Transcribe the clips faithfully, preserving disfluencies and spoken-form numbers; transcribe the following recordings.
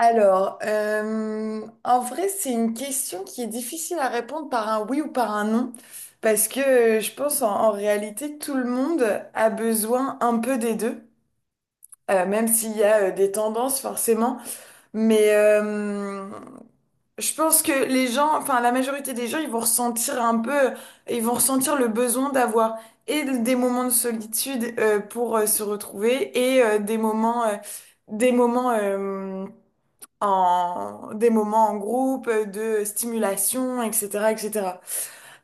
Alors, euh, en vrai, c'est une question qui est difficile à répondre par un oui ou par un non, parce que euh, je pense en, en réalité, tout le monde a besoin un peu des deux, euh, même s'il y a euh, des tendances forcément. Mais euh, je pense que les gens, enfin la majorité des gens, ils vont ressentir un peu, ils vont ressentir le besoin d'avoir et des moments de solitude euh, pour euh, se retrouver et euh, des moments, euh, des moments euh, en des moments en groupe, de stimulation, et cetera, et cetera.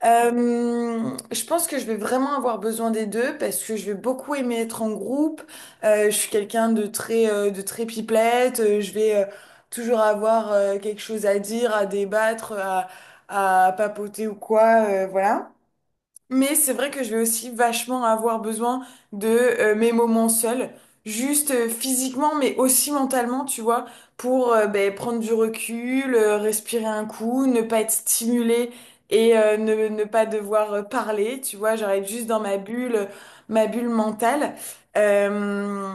Euh, je pense que je vais vraiment avoir besoin des deux parce que je vais beaucoup aimer être en groupe. Euh, je suis quelqu'un de très, euh, de très pipelette. Euh, Je vais euh, toujours avoir euh, quelque chose à dire, à débattre, à, à papoter ou quoi, euh, voilà. Mais c'est vrai que je vais aussi vachement avoir besoin de euh, mes moments seuls, juste euh, physiquement, mais aussi mentalement, tu vois, pour euh, ben, prendre du recul, euh, respirer un coup, ne pas être stimulé et euh, ne, ne pas devoir euh, parler, tu vois, j'arrête juste dans ma bulle, ma bulle mentale. Euh,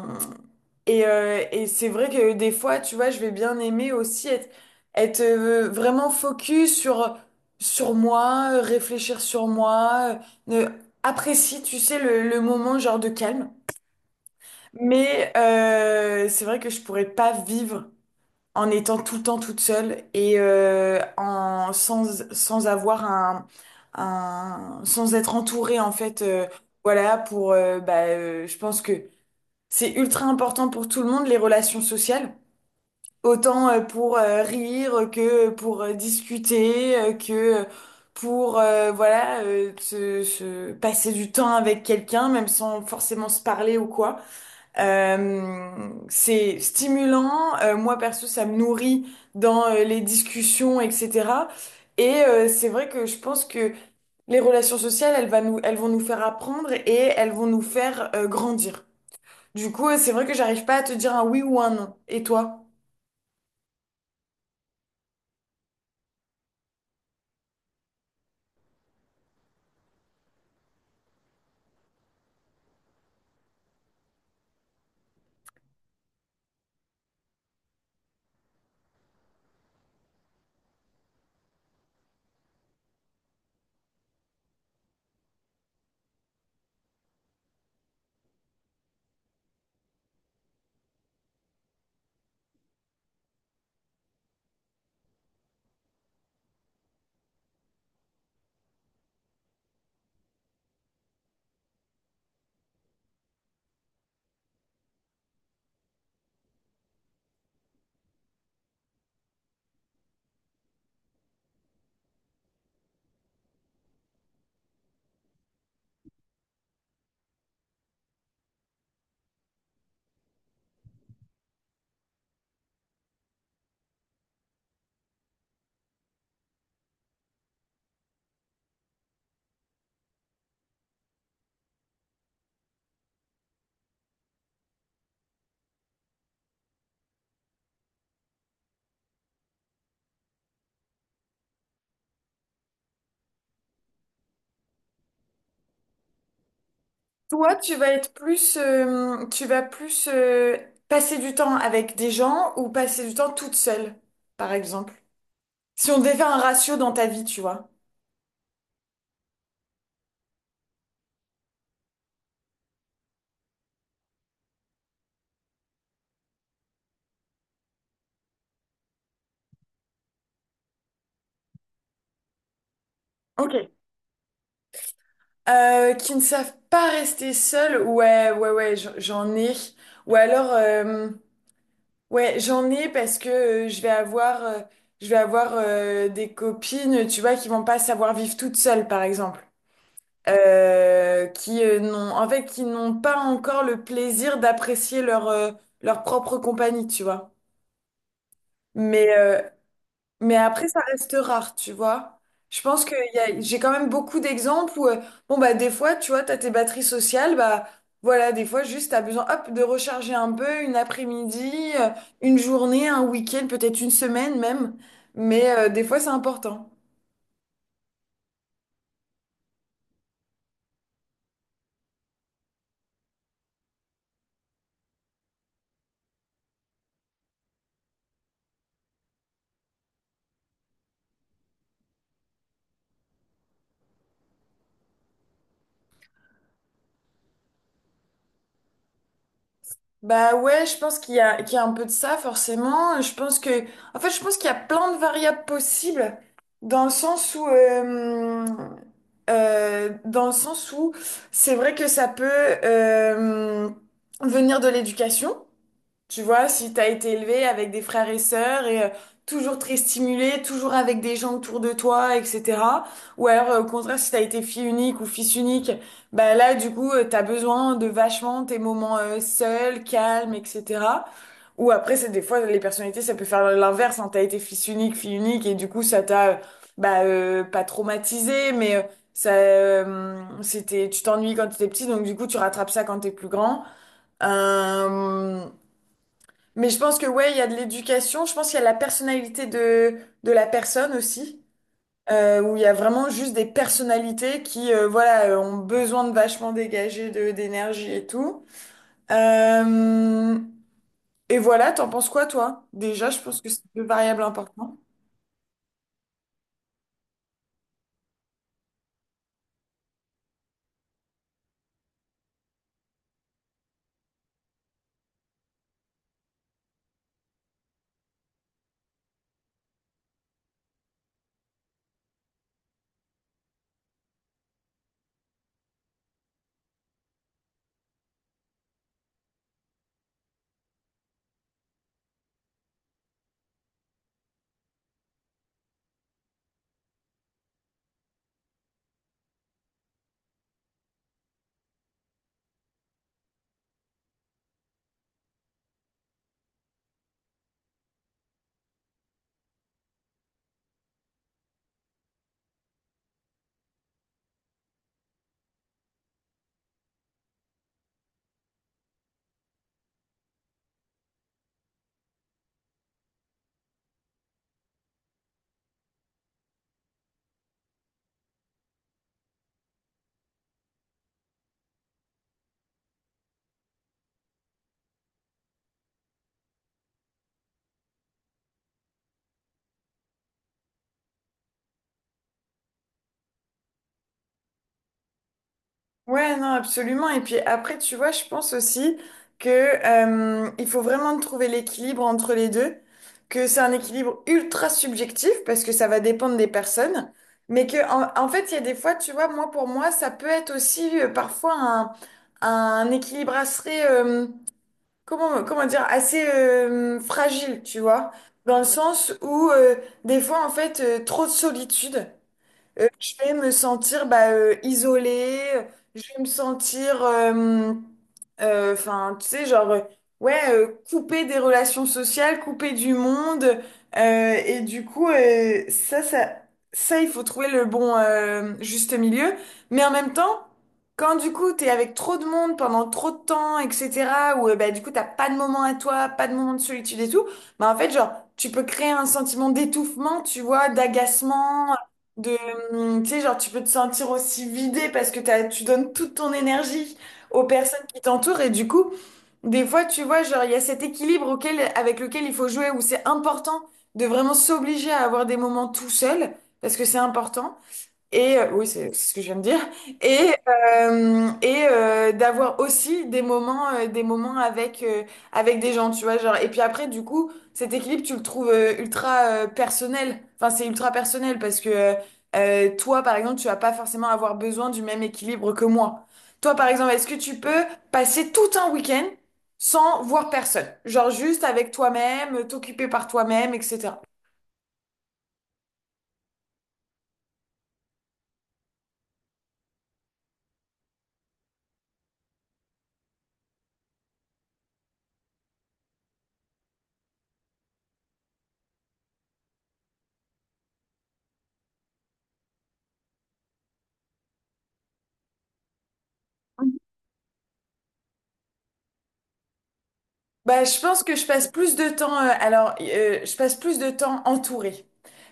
et euh, et c'est vrai que des fois, tu vois, je vais bien aimer aussi être, être euh, vraiment focus sur, sur moi, euh, réfléchir sur moi. Euh, Apprécie, tu sais, le, le moment genre de calme. Mais euh, c'est vrai que je pourrais pas vivre en étant tout le temps toute seule et euh, en, sans, sans avoir un, un- sans être entourée en fait. Euh, voilà, pour, euh, bah, euh, je pense que c'est ultra important pour tout le monde, les relations sociales. Autant euh, pour euh, rire que pour euh, discuter, euh, que pour euh, voilà euh, se, se passer du temps avec quelqu'un, même sans forcément se parler ou quoi. Euh, c'est stimulant. Euh, moi perso, ça me nourrit dans euh, les discussions, et cetera. Et euh, c'est vrai que je pense que les relations sociales, elles, va nous, elles vont nous faire apprendre et elles vont nous faire euh, grandir. Du coup, euh, c'est vrai que j'arrive pas à te dire un oui ou un non. Et toi? Toi, tu vas être plus, euh, tu vas plus euh, passer du temps avec des gens ou passer du temps toute seule, par exemple. Si on devait faire un ratio dans ta vie, tu vois. Ok. Euh, qui ne savent pas rester seuls, ouais, ouais, ouais, j'en j'en ai. Ou alors, euh, ouais, j'en ai parce que euh, je vais avoir, euh, je vais avoir euh, des copines, tu vois, qui vont pas savoir vivre toutes seules, par exemple. Euh, qui euh, n'ont en fait qui n'ont pas encore le plaisir d'apprécier leur euh, leur propre compagnie, tu vois. Mais euh, mais après ça reste rare, tu vois. Je pense que y a- j'ai quand même beaucoup d'exemples où euh, bon bah des fois, tu vois, t'as tes batteries sociales, bah voilà, des fois juste t'as besoin hop de recharger un peu une après-midi, euh, une journée, un week-end, peut-être une semaine même. Mais euh, des fois c'est important. Bah ouais, je pense qu'il y a, qu'il y a un peu de ça, forcément. Je pense que, en fait, Je pense qu'il y a plein de variables possibles dans le sens où, euh, euh, dans le sens où c'est vrai que ça peut, euh, venir de l'éducation. Tu vois, si t'as été élevé avec des frères et sœurs et euh, toujours très stimulé, toujours avec des gens autour de toi, et cetera. Ou alors, euh, au contraire, si t'as été fille unique ou fils unique, bah là, du coup, euh, t'as besoin de vachement tes moments euh, seuls, calmes, et cetera. Ou après, c'est des fois, les personnalités, ça peut faire l'inverse. Hein. T'as été fils unique, fille unique, et du coup, ça t'a, euh, bah, euh, pas traumatisé, mais euh, ça, euh, c'était, tu t'ennuies quand t'étais petit, donc du coup, tu rattrapes ça quand t'es plus grand. Euh, mais je pense que ouais, il y a de l'éducation. Je pense qu'il y a la personnalité de, de la personne aussi, euh, où il y a vraiment juste des personnalités qui, euh, voilà, euh, ont besoin de vachement dégager de, d'énergie et tout. Euh, et voilà, t'en penses quoi, toi? Déjà, je pense que c'est deux variables importantes. Ouais, non, absolument. Et puis après, tu vois, je pense aussi que euh, il faut vraiment trouver l'équilibre entre les deux, que c'est un équilibre ultra subjectif parce que ça va dépendre des personnes, mais que en, en fait, il y a des fois, tu vois, moi pour moi, ça peut être aussi euh, parfois un, un équilibre assez euh, comment comment dire assez euh, fragile, tu vois, dans le sens où euh, des fois, en fait, euh, trop de solitude. Euh, je vais me sentir bah, euh, isolée, je vais me sentir, euh, euh, enfin, tu sais, genre, euh, ouais, euh, coupée des relations sociales, coupée du monde. euh, et du coup, euh, ça, ça, ça, il faut trouver le bon euh, juste milieu. Mais en même temps, quand du coup, t'es avec trop de monde pendant trop de temps, et cetera, ou euh, bah, du coup, t'as pas de moment à toi, pas de moment de solitude et tout, bah, en fait, genre, tu peux créer un sentiment d'étouffement, tu vois, d'agacement de, hum, tu sais, genre, tu peux te sentir aussi vidé parce que t'as, tu donnes toute ton énergie aux personnes qui t'entourent et du coup, des fois, tu vois, genre, il y a cet équilibre auquel, avec lequel il faut jouer où c'est important de vraiment s'obliger à avoir des moments tout seul parce que c'est important et euh, oui, c'est c'est ce que je viens de dire. Et, euh, et euh, d'avoir aussi des moments, euh, des moments avec, euh, avec des gens, tu vois. Genre, et puis après, du coup, cet équilibre, tu le trouves euh, ultra euh, personnel. Enfin, c'est ultra personnel parce que euh, euh, toi, par exemple, tu vas pas forcément avoir besoin du même équilibre que moi. Toi, par exemple, est-ce que tu peux passer tout un week-end sans voir personne? Genre juste avec toi-même, t'occuper par toi-même, et cetera. Bah, je pense que je passe plus de temps, euh, alors euh, je passe plus de temps entourée.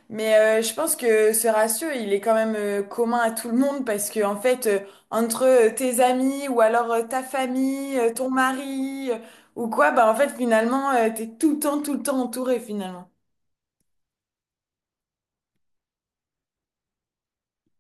Mais euh, je pense que ce ratio, il est quand même euh, commun à tout le monde parce que en fait, euh, entre euh, tes amis ou alors euh, ta famille, euh, ton mari euh, ou quoi, bah en fait finalement, euh, t'es tout le temps, tout le temps entouré finalement.